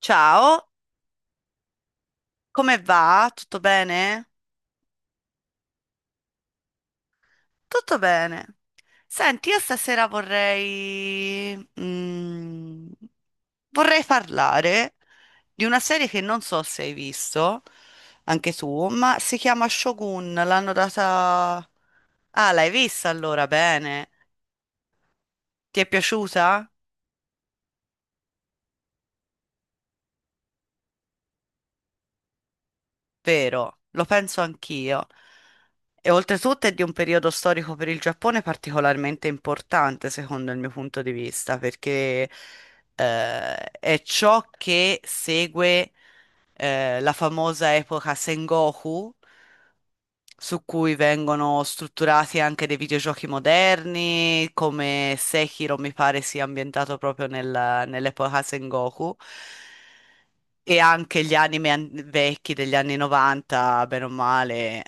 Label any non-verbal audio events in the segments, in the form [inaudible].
Ciao, come va? Tutto bene? Tutto bene. Senti, io stasera vorrei parlare di una serie che non so se hai visto, anche tu, ma si chiama Shogun, l'hanno data. Ah, l'hai vista allora, bene. Ti è piaciuta? Vero, lo penso anch'io. E oltretutto è di un periodo storico per il Giappone particolarmente importante, secondo il mio punto di vista, perché è ciò che segue la famosa epoca Sengoku, su cui vengono strutturati anche dei videogiochi moderni, come Sekiro mi pare sia ambientato proprio nell'epoca Sengoku, e anche gli anime vecchi degli anni 90, bene o male,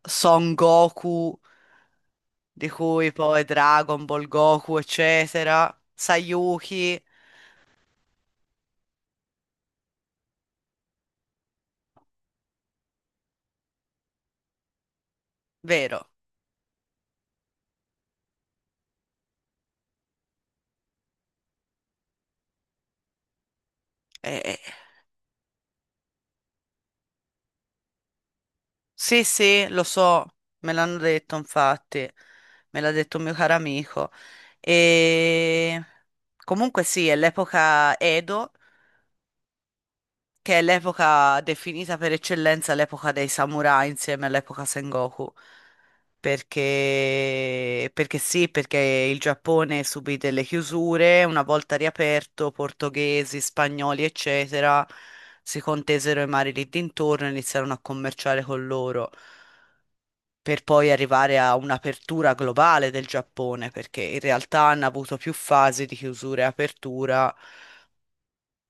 Son Goku, di cui poi Dragon Ball Goku, eccetera, Sayuki, vero? Eh, Sì, sì, lo so, me l'hanno detto infatti, me l'ha detto un mio caro amico. E comunque sì, è l'epoca Edo, che è l'epoca definita per eccellenza l'epoca dei samurai insieme all'epoca Sengoku. Perché sì, perché il Giappone subì delle chiusure, una volta riaperto, portoghesi, spagnoli, eccetera, si contesero i mari lì dintorno e iniziarono a commerciare con loro per poi arrivare a un'apertura globale del Giappone, perché in realtà hanno avuto più fasi di chiusura e apertura,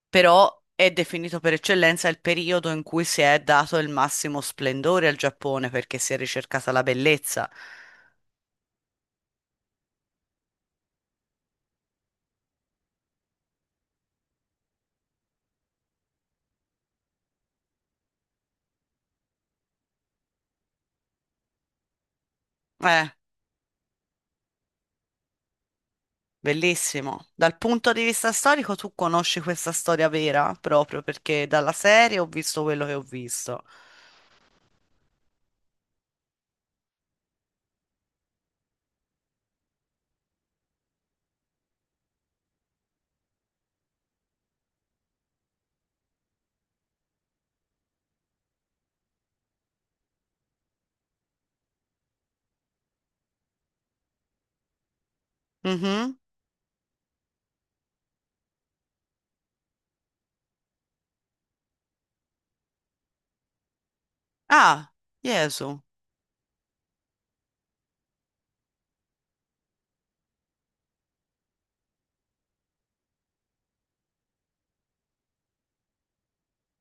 però è definito per eccellenza il periodo in cui si è dato il massimo splendore al Giappone, perché si è ricercata la bellezza. Eh, bellissimo. Dal punto di vista storico, tu conosci questa storia vera, proprio perché dalla serie ho visto quello che ho visto. Mhm. Ah, Gesù.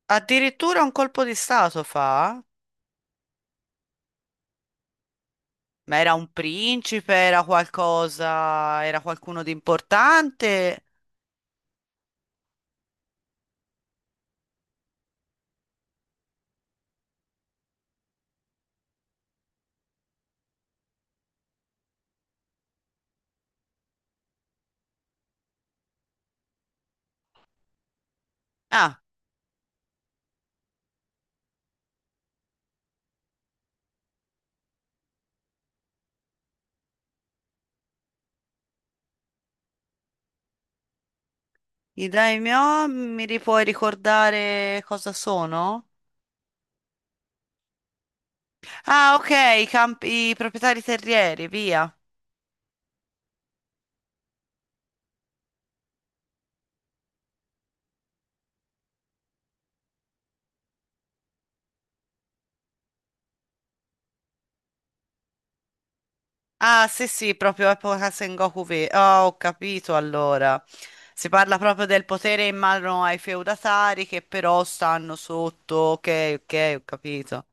Addirittura un colpo di stato fa? Ma era un principe, era qualcosa, era qualcuno di importante? Ah, i daimyo, puoi ricordare cosa sono? Ah, ok, i proprietari terrieri, via. Ah, sì, sì, proprio epoca Sengoku V. Oh, ho capito allora. Si parla proprio del potere in mano ai feudatari che però stanno sotto. Ok, ok, ho capito.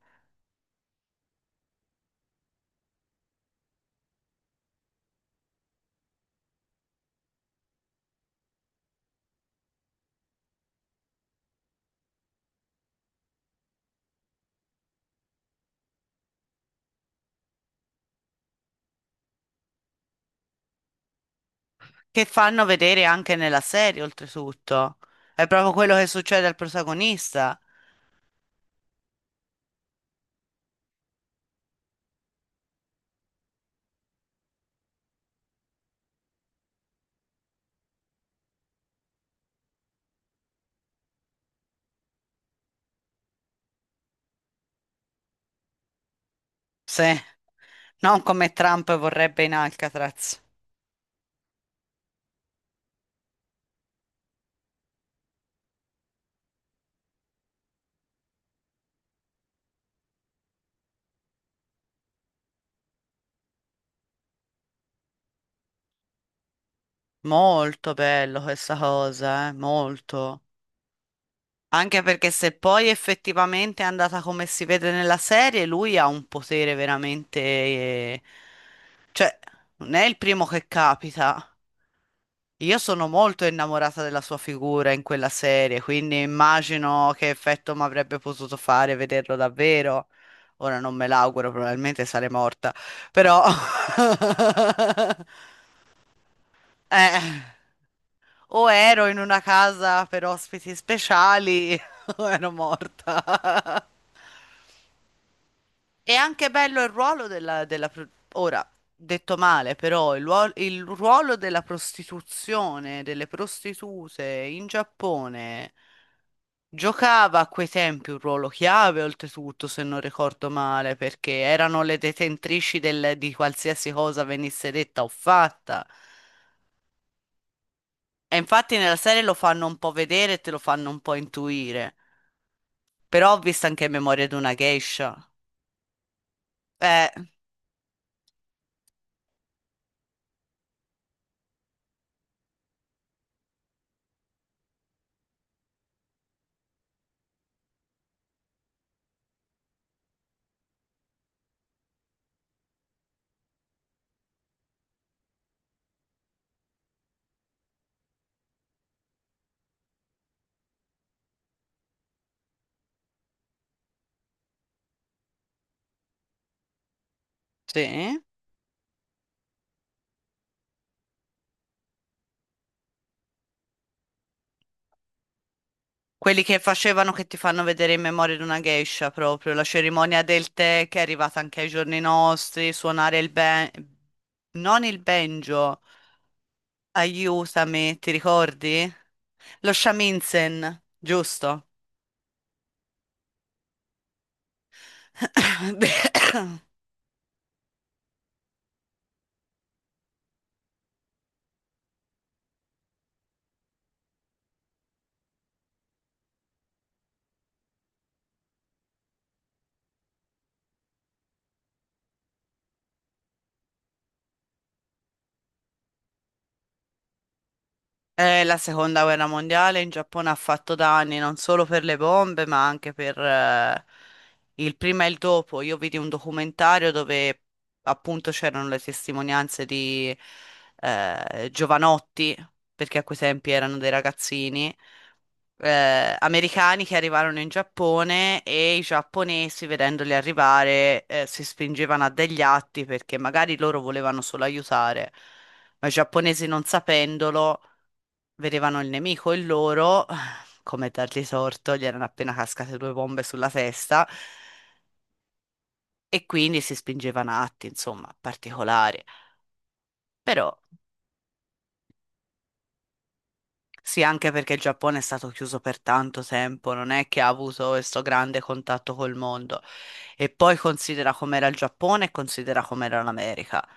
Che fanno vedere anche nella serie, oltretutto. È proprio quello che succede al protagonista. Sì, non come Trump vorrebbe in Alcatraz. Molto bello questa cosa, molto. Anche perché se poi effettivamente è andata come si vede nella serie, lui ha un potere veramente. Cioè, non è il primo che capita. Io sono molto innamorata della sua figura in quella serie, quindi immagino che effetto mi avrebbe potuto fare vederlo davvero. Ora non me l'auguro, probabilmente sarei morta, però. [laughs] Eh, o ero in una casa per ospiti speciali [laughs] o ero morta. È anche bello il ruolo ora, detto male, però il ruolo della prostituzione, delle prostitute in Giappone giocava a quei tempi un ruolo chiave, oltretutto, se non ricordo male, perché erano le detentrici di qualsiasi cosa venisse detta o fatta. E infatti nella serie lo fanno un po' vedere e te lo fanno un po' intuire. Però ho visto anche Memoria di una geisha. Eh, sì. Quelli che facevano che ti fanno vedere in Memoria di una geisha proprio, la cerimonia del tè che è arrivata anche ai giorni nostri, suonare il non il banjo, aiutami, ti ricordi? Lo shamisen, giusto? [coughs] La seconda guerra mondiale in Giappone ha fatto danni non solo per le bombe, ma anche per il prima e il dopo. Io vidi un documentario dove appunto c'erano le testimonianze di giovanotti, perché a quei tempi erano dei ragazzini americani che arrivarono in Giappone e i giapponesi, vedendoli arrivare, si spingevano a degli atti perché magari loro volevano solo aiutare, ma i giapponesi non sapendolo. Vedevano il nemico e loro, come dargli torto, gli erano appena cascate due bombe sulla testa e quindi si spingevano a atti, insomma, particolari. Però Sì, anche perché il Giappone è stato chiuso per tanto tempo, non è che ha avuto questo grande contatto col mondo. E poi considera com'era il Giappone e considera com'era l'America.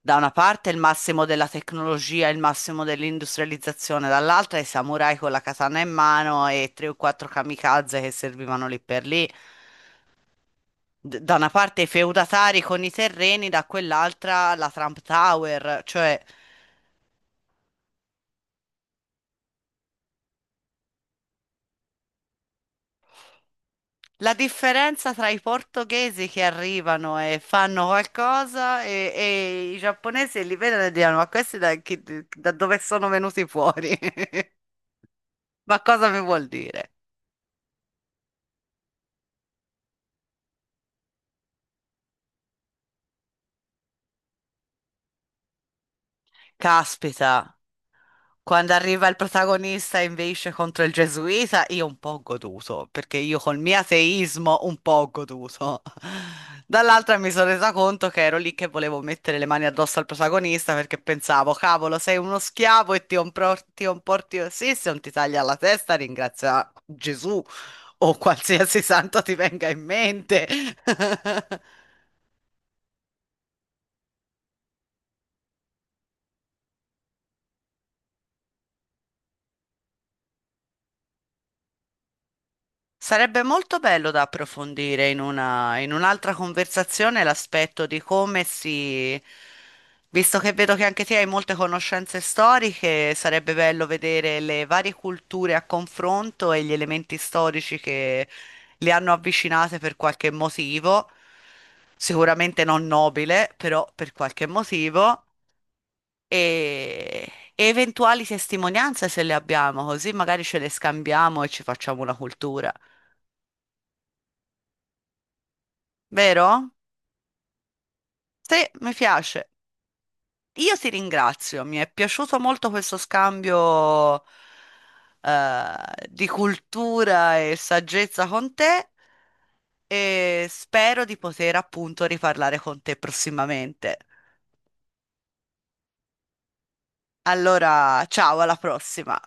Da una parte il massimo della tecnologia, il massimo dell'industrializzazione, dall'altra i samurai con la katana in mano e tre o quattro kamikaze che servivano lì per lì. Da una parte i feudatari con i terreni, da quell'altra la Trump Tower, cioè. La differenza tra i portoghesi che arrivano e fanno qualcosa e i giapponesi li vedono e dicono: ma questi da dove sono venuti fuori? [laughs] Ma cosa mi vuol dire? Caspita. Quando arriva il protagonista e invece contro il gesuita, io un po' ho goduto, perché io col mio ateismo un po' ho goduto. [laughs] Dall'altra mi sono resa conto che ero lì che volevo mettere le mani addosso al protagonista perché pensavo, cavolo, sei uno schiavo e ti comporti, comporti così, se non ti taglia la testa, ringrazia Gesù o qualsiasi [laughs] santo ti venga in mente. [laughs] Sarebbe molto bello da approfondire in un'altra conversazione l'aspetto di come si. Visto che vedo che anche te hai molte conoscenze storiche, sarebbe bello vedere le varie culture a confronto e gli elementi storici che le hanno avvicinate per qualche motivo, sicuramente non nobile, però per qualche motivo, e, e eventuali testimonianze se le abbiamo, così magari ce le scambiamo e ci facciamo una cultura. Vero? Sì, mi piace. Io ti ringrazio, mi è piaciuto molto questo scambio eh, di cultura e saggezza con te e spero di poter appunto riparlare con te prossimamente. Allora, ciao, alla prossima.